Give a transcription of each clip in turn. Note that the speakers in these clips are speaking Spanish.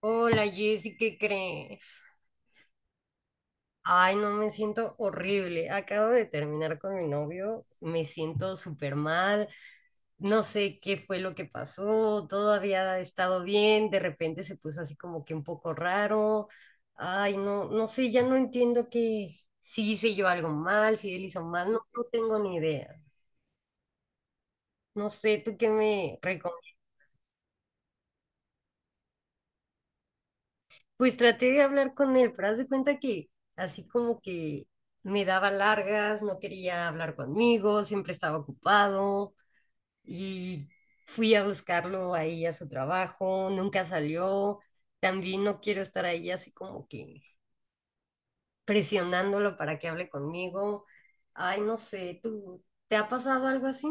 Hola Jessy, ¿qué crees? Ay, no, me siento horrible. Acabo de terminar con mi novio, me siento súper mal, no sé qué fue lo que pasó, todo había estado bien, de repente se puso así como que un poco raro. Ay, no, no sé, ya no entiendo que si hice yo algo mal, si él hizo mal, no, no tengo ni idea. No sé, ¿tú qué me recomiendas? Pues traté de hablar con él, pero haz de cuenta que así como que me daba largas, no quería hablar conmigo, siempre estaba ocupado y fui a buscarlo ahí a su trabajo, nunca salió. También no quiero estar ahí así como que presionándolo para que hable conmigo. Ay, no sé, ¿tú te ha pasado algo así?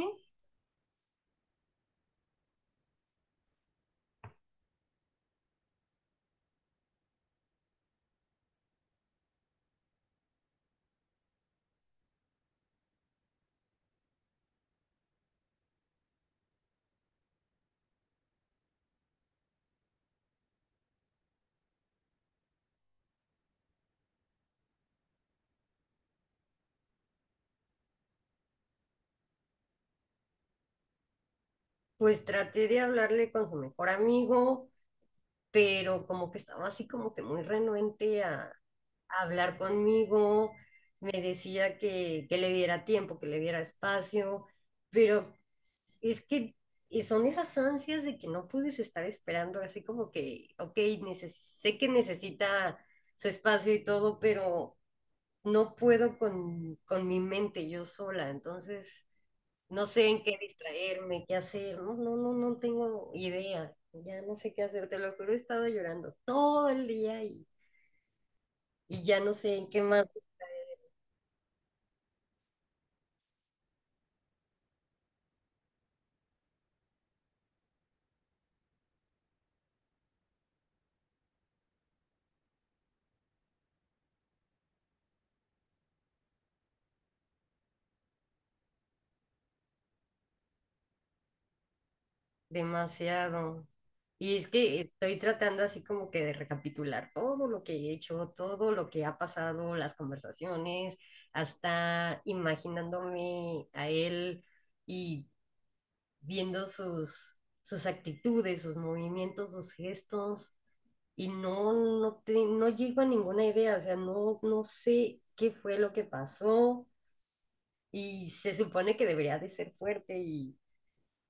Pues traté de hablarle con su mejor amigo, pero como que estaba así como que muy renuente hablar conmigo, me decía que le diera tiempo, que le diera espacio, pero es que y son esas ansias de que no puedes estar esperando, así como que, ok, sé que necesita su espacio y todo, pero no puedo con mi mente yo sola, entonces no sé en qué distraerme, qué hacer, no, no, no, no tengo idea, ya no sé qué hacer, te lo juro, he estado llorando todo el día y ya no sé en qué más. Demasiado. Y es que estoy tratando así como que de recapitular todo lo que he hecho, todo lo que ha pasado, las conversaciones, hasta imaginándome a él y viendo sus actitudes, sus movimientos, sus gestos. Y no, no, no llego a ninguna idea, o sea, no, no sé qué fue lo que pasó. Y se supone que debería de ser fuerte,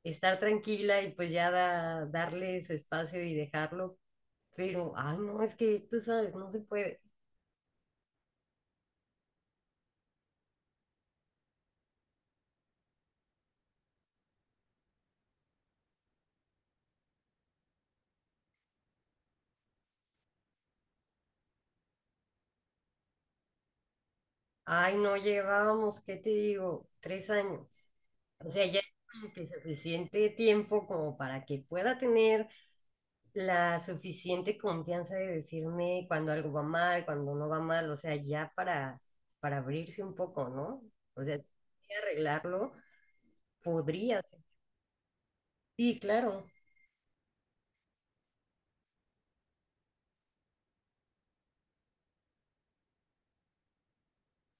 estar tranquila y pues ya darle su espacio y dejarlo. Pero, ay, no, es que tú sabes, no se puede. Ay, no, llevábamos, ¿qué te digo? 3 años. O sea, ya como que suficiente tiempo como para que pueda tener la suficiente confianza de decirme cuando algo va mal, cuando no va mal, o sea, ya para abrirse un poco, ¿no? O sea, si quería arreglarlo, podría ser. Sí, claro.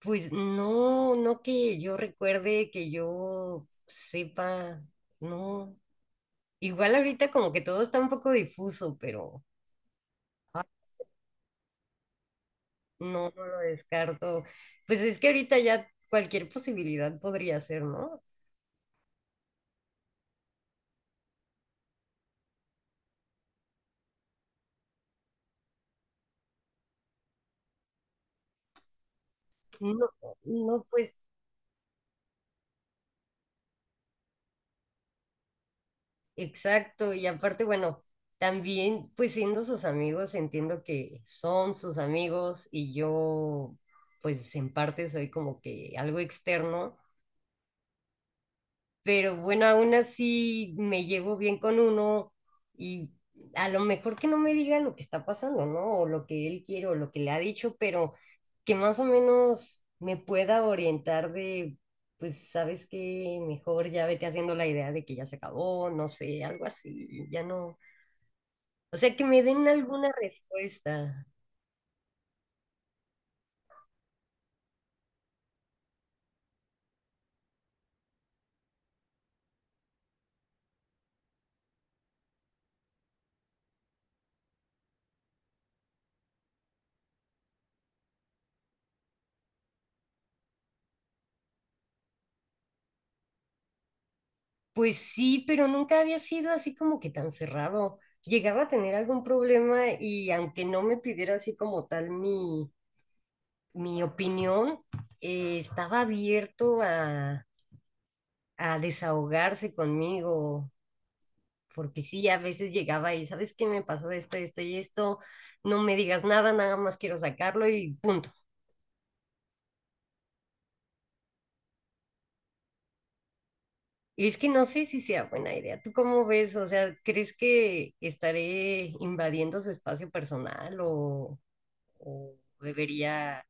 Pues no, no que yo recuerde, que yo sepa, no. Igual ahorita como que todo está un poco difuso, pero ah, no, no lo descarto. Pues es que ahorita ya cualquier posibilidad podría ser, ¿no? No, no, pues exacto. Y aparte, bueno, también pues siendo sus amigos, entiendo que son sus amigos y yo pues en parte soy como que algo externo, pero bueno, aún así me llevo bien con uno y a lo mejor que no me diga lo que está pasando, ¿no? O lo que él quiere o lo que le ha dicho, pero que más o menos me pueda orientar de, pues, ¿sabes qué? Mejor ya vete haciendo la idea de que ya se acabó, no sé, algo así, ya no. O sea, que me den alguna respuesta. Pues sí, pero nunca había sido así como que tan cerrado. Llegaba a tener algún problema y aunque no me pidiera así como tal mi opinión, estaba abierto a desahogarse conmigo, porque sí, a veces llegaba y, ¿sabes qué me pasó esto, esto y esto? No me digas nada, nada más quiero sacarlo y punto. Y es que no sé si sea buena idea. ¿Tú cómo ves? O sea, ¿crees que estaré invadiendo su espacio personal o debería?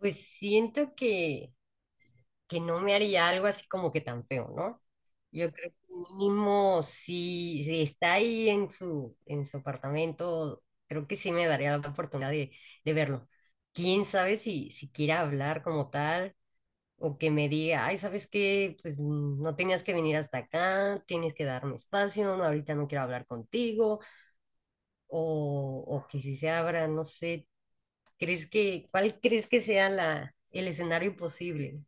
Pues siento que no me haría algo así como que tan feo, ¿no? Yo creo que mínimo si, si está ahí en su apartamento, creo que sí me daría la oportunidad de verlo. Quién sabe si, si quiera hablar como tal o que me diga, ay, ¿sabes qué? Pues no tenías que venir hasta acá, tienes que darme espacio, no, ahorita no quiero hablar contigo, o que si se abra, no sé, ¿crees que, cuál crees que sea la, el escenario posible?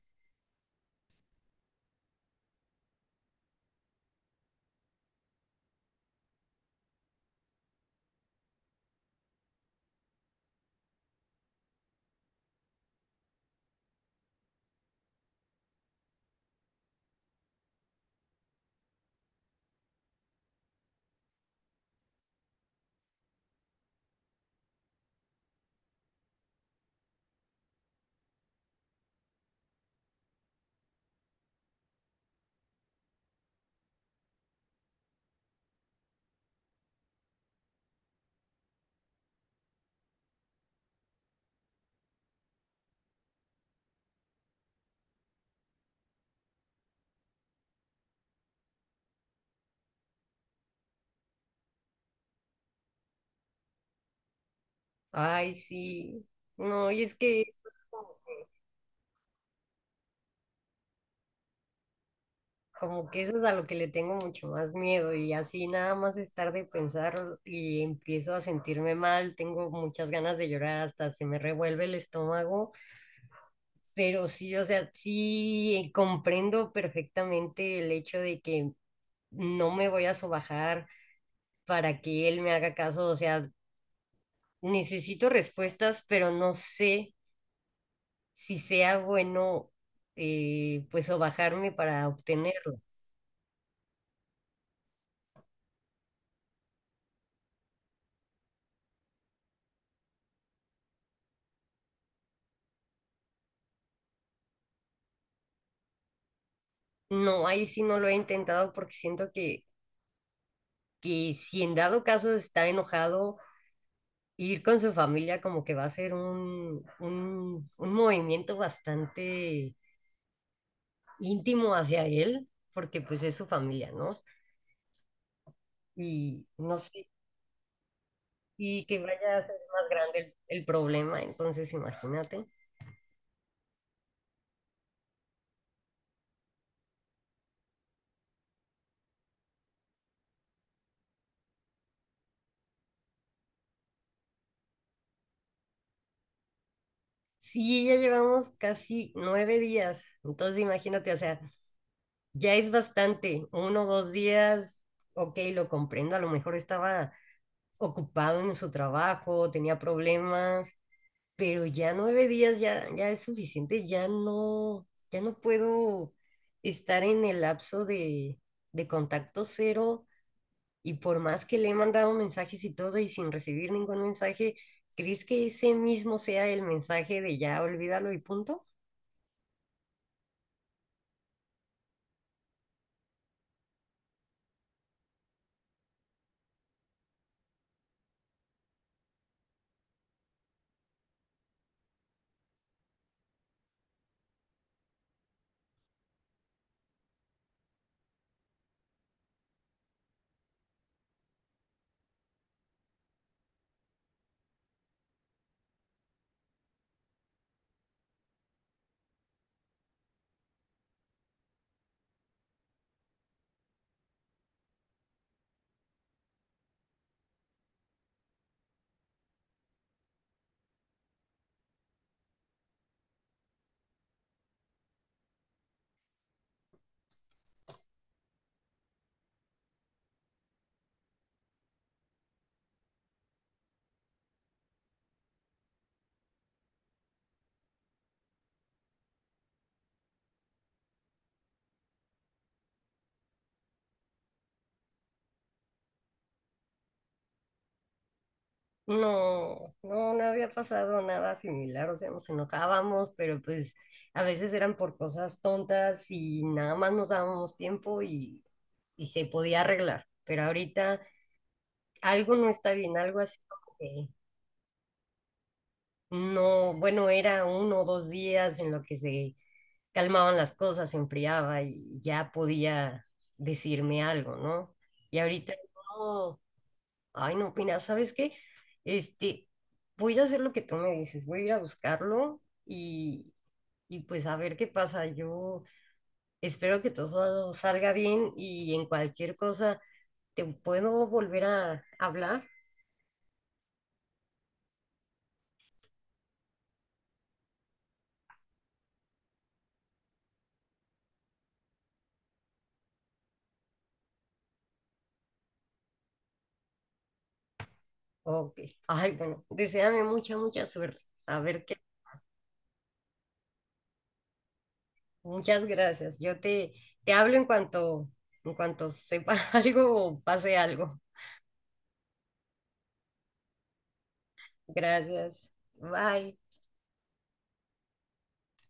Ay, sí. No, y es que eso es como, como que eso es a lo que le tengo mucho más miedo y así nada más estar de pensar y empiezo a sentirme mal, tengo muchas ganas de llorar, hasta se me revuelve el estómago, pero sí, o sea, sí, comprendo perfectamente el hecho de que no me voy a sobajar para que él me haga caso, o sea, necesito respuestas, pero no sé si sea bueno, pues o bajarme para obtenerlo. No, ahí sí no lo he intentado porque siento que si en dado caso está enojado, ir con su familia como que va a ser un movimiento bastante íntimo hacia él, porque pues es su familia, ¿no? Y no sé, y que vaya a ser más grande el problema, entonces imagínate. Sí, ya llevamos casi 9 días, entonces imagínate, o sea, ya es bastante, 1 o 2 días, ok, lo comprendo, a lo mejor estaba ocupado en su trabajo, tenía problemas, pero ya 9 días ya, es suficiente, ya no, ya no puedo estar en el lapso de contacto cero y por más que le he mandado mensajes y todo y sin recibir ningún mensaje, ¿crees que ese mismo sea el mensaje de ya olvídalo y punto? No, no, no había pasado nada similar, o sea, nos enojábamos, pero pues a veces eran por cosas tontas y nada más nos dábamos tiempo y se podía arreglar, pero ahorita algo no está bien, algo así como que no, bueno, era 1 o 2 días en lo que se calmaban las cosas, se enfriaba y ya podía decirme algo, ¿no? Y ahorita no. Ay, no, pina, ¿sabes qué? Este, voy a hacer lo que tú me dices, voy a ir a buscarlo y pues a ver qué pasa. Yo espero que todo salga bien y en cualquier cosa te puedo volver a hablar. Ok. Ay, bueno, deséame mucha, mucha suerte. A ver qué. Muchas gracias. Yo te hablo en cuanto sepa algo o pase algo. Gracias. Bye.